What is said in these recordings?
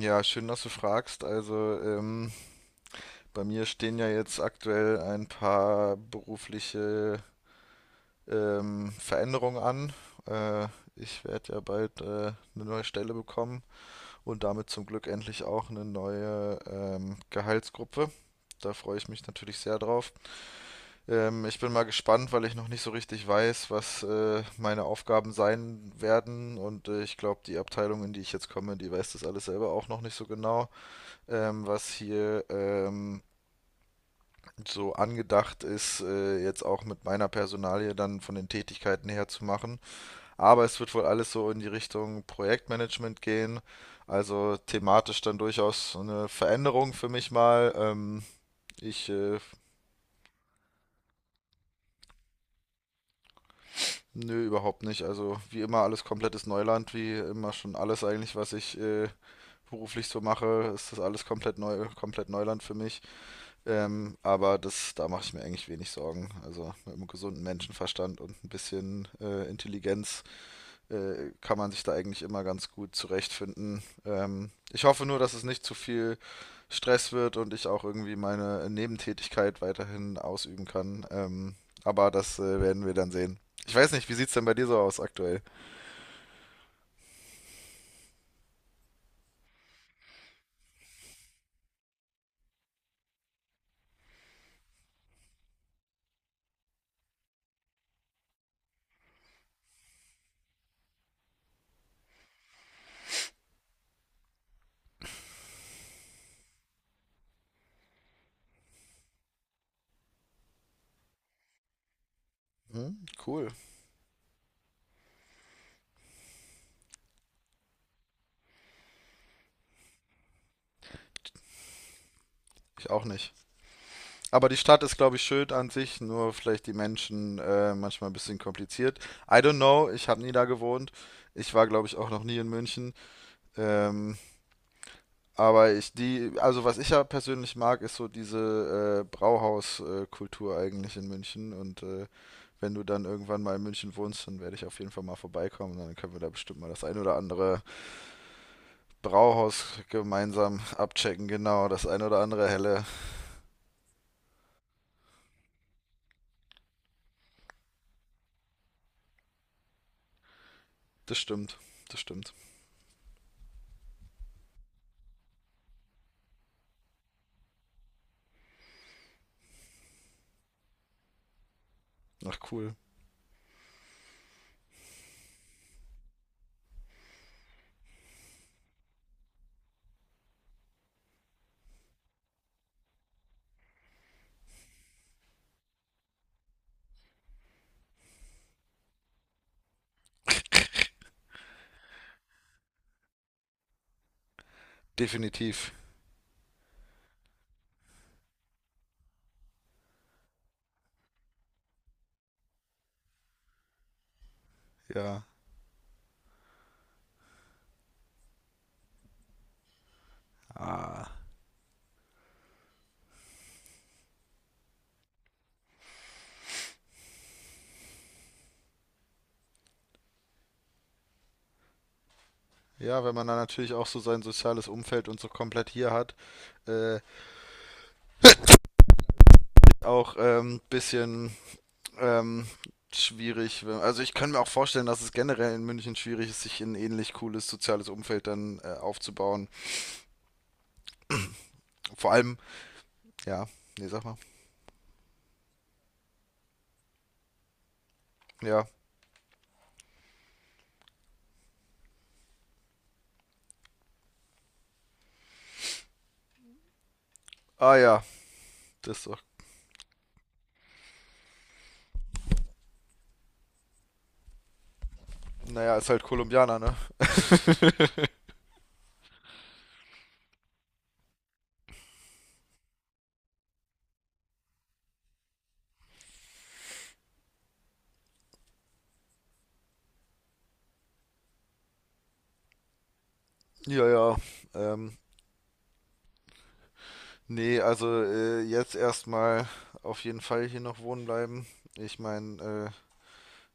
Ja, schön, dass du fragst. Also, bei mir stehen ja jetzt aktuell ein paar berufliche Veränderungen an. Äh, Ich werde ja bald eine neue Stelle bekommen und damit zum Glück endlich auch eine neue Gehaltsgruppe. Da freue ich mich natürlich sehr drauf. Ich bin mal gespannt, weil ich noch nicht so richtig weiß, was meine Aufgaben sein werden. Und ich glaube, die Abteilung, in die ich jetzt komme, die weiß das alles selber auch noch nicht so genau. Was hier so angedacht ist, jetzt auch mit meiner Personalie dann von den Tätigkeiten her zu machen. Aber es wird wohl alles so in die Richtung Projektmanagement gehen. Also thematisch dann durchaus so eine Veränderung für mich mal. Ich, äh, Nö, überhaupt nicht. Also wie immer alles komplettes Neuland, wie immer schon alles eigentlich, was ich beruflich so mache, ist das alles komplett neu, komplett Neuland für mich. Aber das, da mache ich mir eigentlich wenig Sorgen. Also mit einem gesunden Menschenverstand und ein bisschen Intelligenz kann man sich da eigentlich immer ganz gut zurechtfinden. Ich hoffe nur, dass es nicht zu viel Stress wird und ich auch irgendwie meine Nebentätigkeit weiterhin ausüben kann. Aber das werden wir dann sehen. Ich weiß nicht, wie sieht's denn bei dir so aus aktuell? Hm, cool. Ich auch nicht. Aber die Stadt ist, glaube ich, schön an sich, nur vielleicht die Menschen manchmal ein bisschen kompliziert. I don't know, ich habe nie da gewohnt. Ich war, glaube ich, auch noch nie in München. Ähm, aber ich, die, also was ich ja persönlich mag, ist so diese Brauhauskultur eigentlich in München. Und wenn du dann irgendwann mal in München wohnst, dann werde ich auf jeden Fall mal vorbeikommen. Dann können wir da bestimmt mal das ein oder andere Brauhaus gemeinsam abchecken. Genau, das ein oder andere helle. Das stimmt, das stimmt. Ach cool, definitiv. Ja. Ah. Ja, wenn man dann natürlich auch so sein soziales Umfeld und so komplett hier hat, äh, auch bisschen ähm, schwierig. Also ich kann mir auch vorstellen, dass es generell in München schwierig ist, sich ein ähnlich cooles soziales Umfeld dann aufzubauen. Vor allem, ja, nee, sag mal. Ja. Ah ja, das ist doch. Naja, ist halt Kolumbianer, ne? Ja, ja. Ähm, Nee, also jetzt erstmal auf jeden Fall hier noch wohnen bleiben. Ich meine,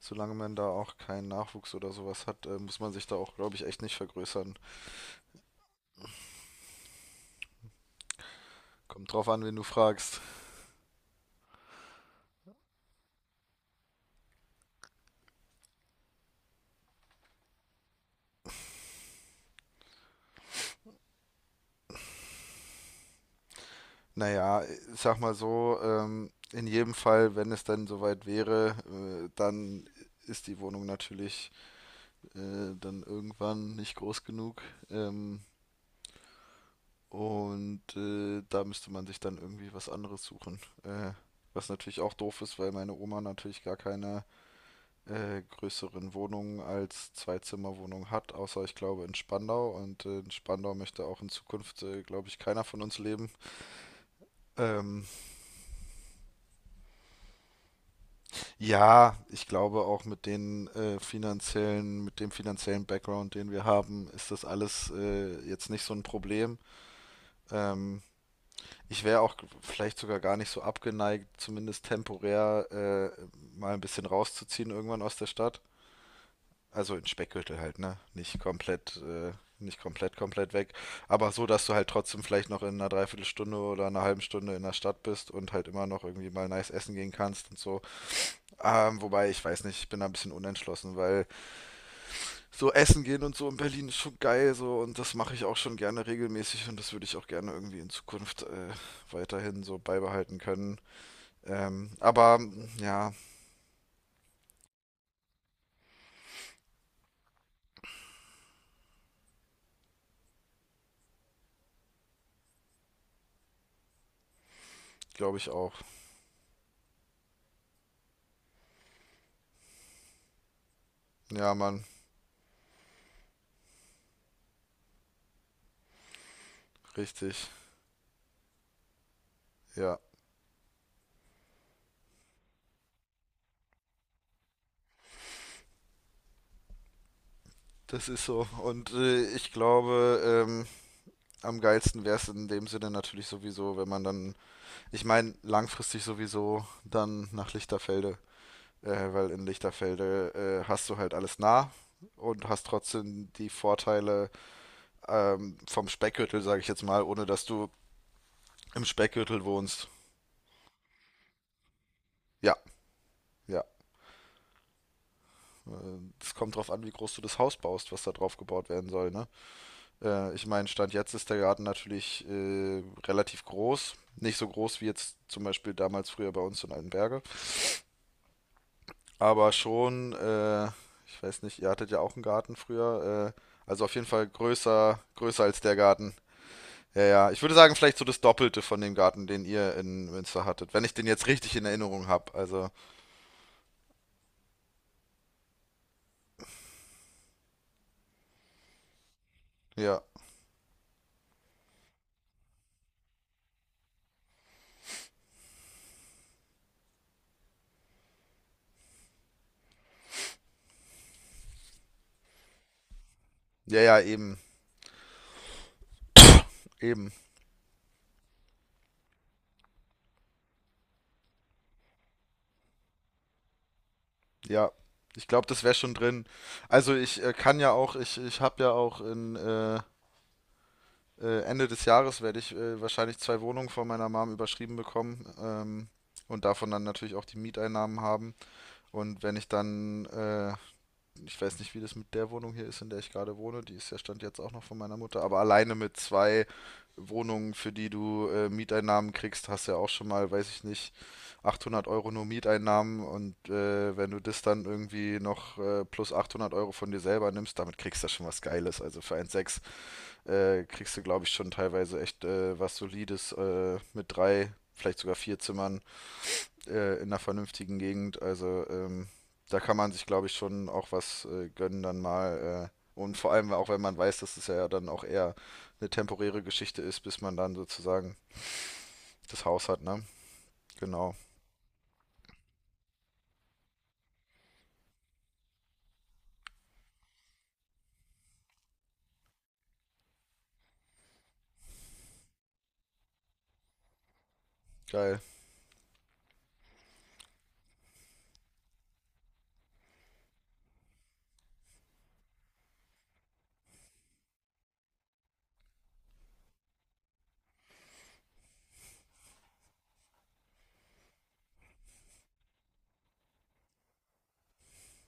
solange man da auch keinen Nachwuchs oder sowas hat, muss man sich da auch, glaube ich, echt nicht vergrößern. Kommt drauf an, wen du fragst. Naja, ich sag mal so, in jedem Fall, wenn es dann soweit wäre, dann ist die Wohnung natürlich dann irgendwann nicht groß genug. Ähm, und da müsste man sich dann irgendwie was anderes suchen. Was natürlich auch doof ist, weil meine Oma natürlich gar keine größeren Wohnungen als Zwei-Zimmer-Wohnung hat, außer ich glaube in Spandau. Und in Spandau möchte auch in Zukunft, glaube ich, keiner von uns leben. Ähm, ja, ich glaube auch mit den finanziellen, mit dem finanziellen Background, den wir haben, ist das alles jetzt nicht so ein Problem. Ähm, Ich wäre auch vielleicht sogar gar nicht so abgeneigt, zumindest temporär äh, mal ein bisschen rauszuziehen irgendwann aus der Stadt. Also in Speckgürtel halt, ne? Nicht komplett, nicht komplett, komplett weg. Aber so, dass du halt trotzdem vielleicht noch in einer Dreiviertelstunde oder einer halben Stunde in der Stadt bist und halt immer noch irgendwie mal nice essen gehen kannst und so. Wobei, ich weiß nicht, ich bin da ein bisschen unentschlossen, weil so essen gehen und so in Berlin ist schon geil so und das mache ich auch schon gerne regelmäßig und das würde ich auch gerne irgendwie in Zukunft weiterhin so beibehalten können. Aber ja, glaube ich auch. Ja, Mann, richtig. Ja. Das ist so. Und ich glaube, am geilsten wäre es in dem Sinne natürlich sowieso, wenn man dann, ich meine, langfristig sowieso dann nach Lichterfelde, weil in Lichterfelde hast du halt alles nah und hast trotzdem die Vorteile vom Speckgürtel, sage ich jetzt mal, ohne dass du im Speckgürtel wohnst. Ja, ja. Es kommt drauf an, wie groß du das Haus baust, was da drauf gebaut werden soll, ne? Ich meine, Stand jetzt ist der Garten natürlich relativ groß. Nicht so groß wie jetzt zum Beispiel damals früher bei uns in Altenberge. Aber schon, ich weiß nicht, ihr hattet ja auch einen Garten früher. Also auf jeden Fall größer, größer als der Garten. Ja, ja. Ich würde sagen, vielleicht so das Doppelte von dem Garten, den ihr in Münster hattet. Wenn ich den jetzt richtig in Erinnerung habe. Also, ja. Ja, ja, eben. Eben. Ja. Ich glaube, das wäre schon drin. Also ich kann ja auch, ich habe ja auch Ende des Jahres werde ich wahrscheinlich zwei Wohnungen von meiner Mom überschrieben bekommen, und davon dann natürlich auch die Mieteinnahmen haben. Und wenn ich dann, ich weiß nicht, wie das mit der Wohnung hier ist, in der ich gerade wohne, die ist ja stand jetzt auch noch von meiner Mutter, aber alleine mit zwei Wohnungen, für die du Mieteinnahmen kriegst, hast ja auch schon mal, weiß ich nicht, 800 Euro nur Mieteinnahmen und wenn du das dann irgendwie noch plus 800 Euro von dir selber nimmst, damit kriegst du ja schon was Geiles. Also für 1,6 kriegst du, glaube ich, schon teilweise echt was Solides mit drei, vielleicht sogar vier Zimmern in einer vernünftigen Gegend. Also da kann man sich, glaube ich, schon auch was gönnen dann mal. Und vor allem auch, wenn man weiß, dass es ja dann auch eher eine temporäre Geschichte ist, bis man dann sozusagen das Haus hat, ne? Genau. Geil.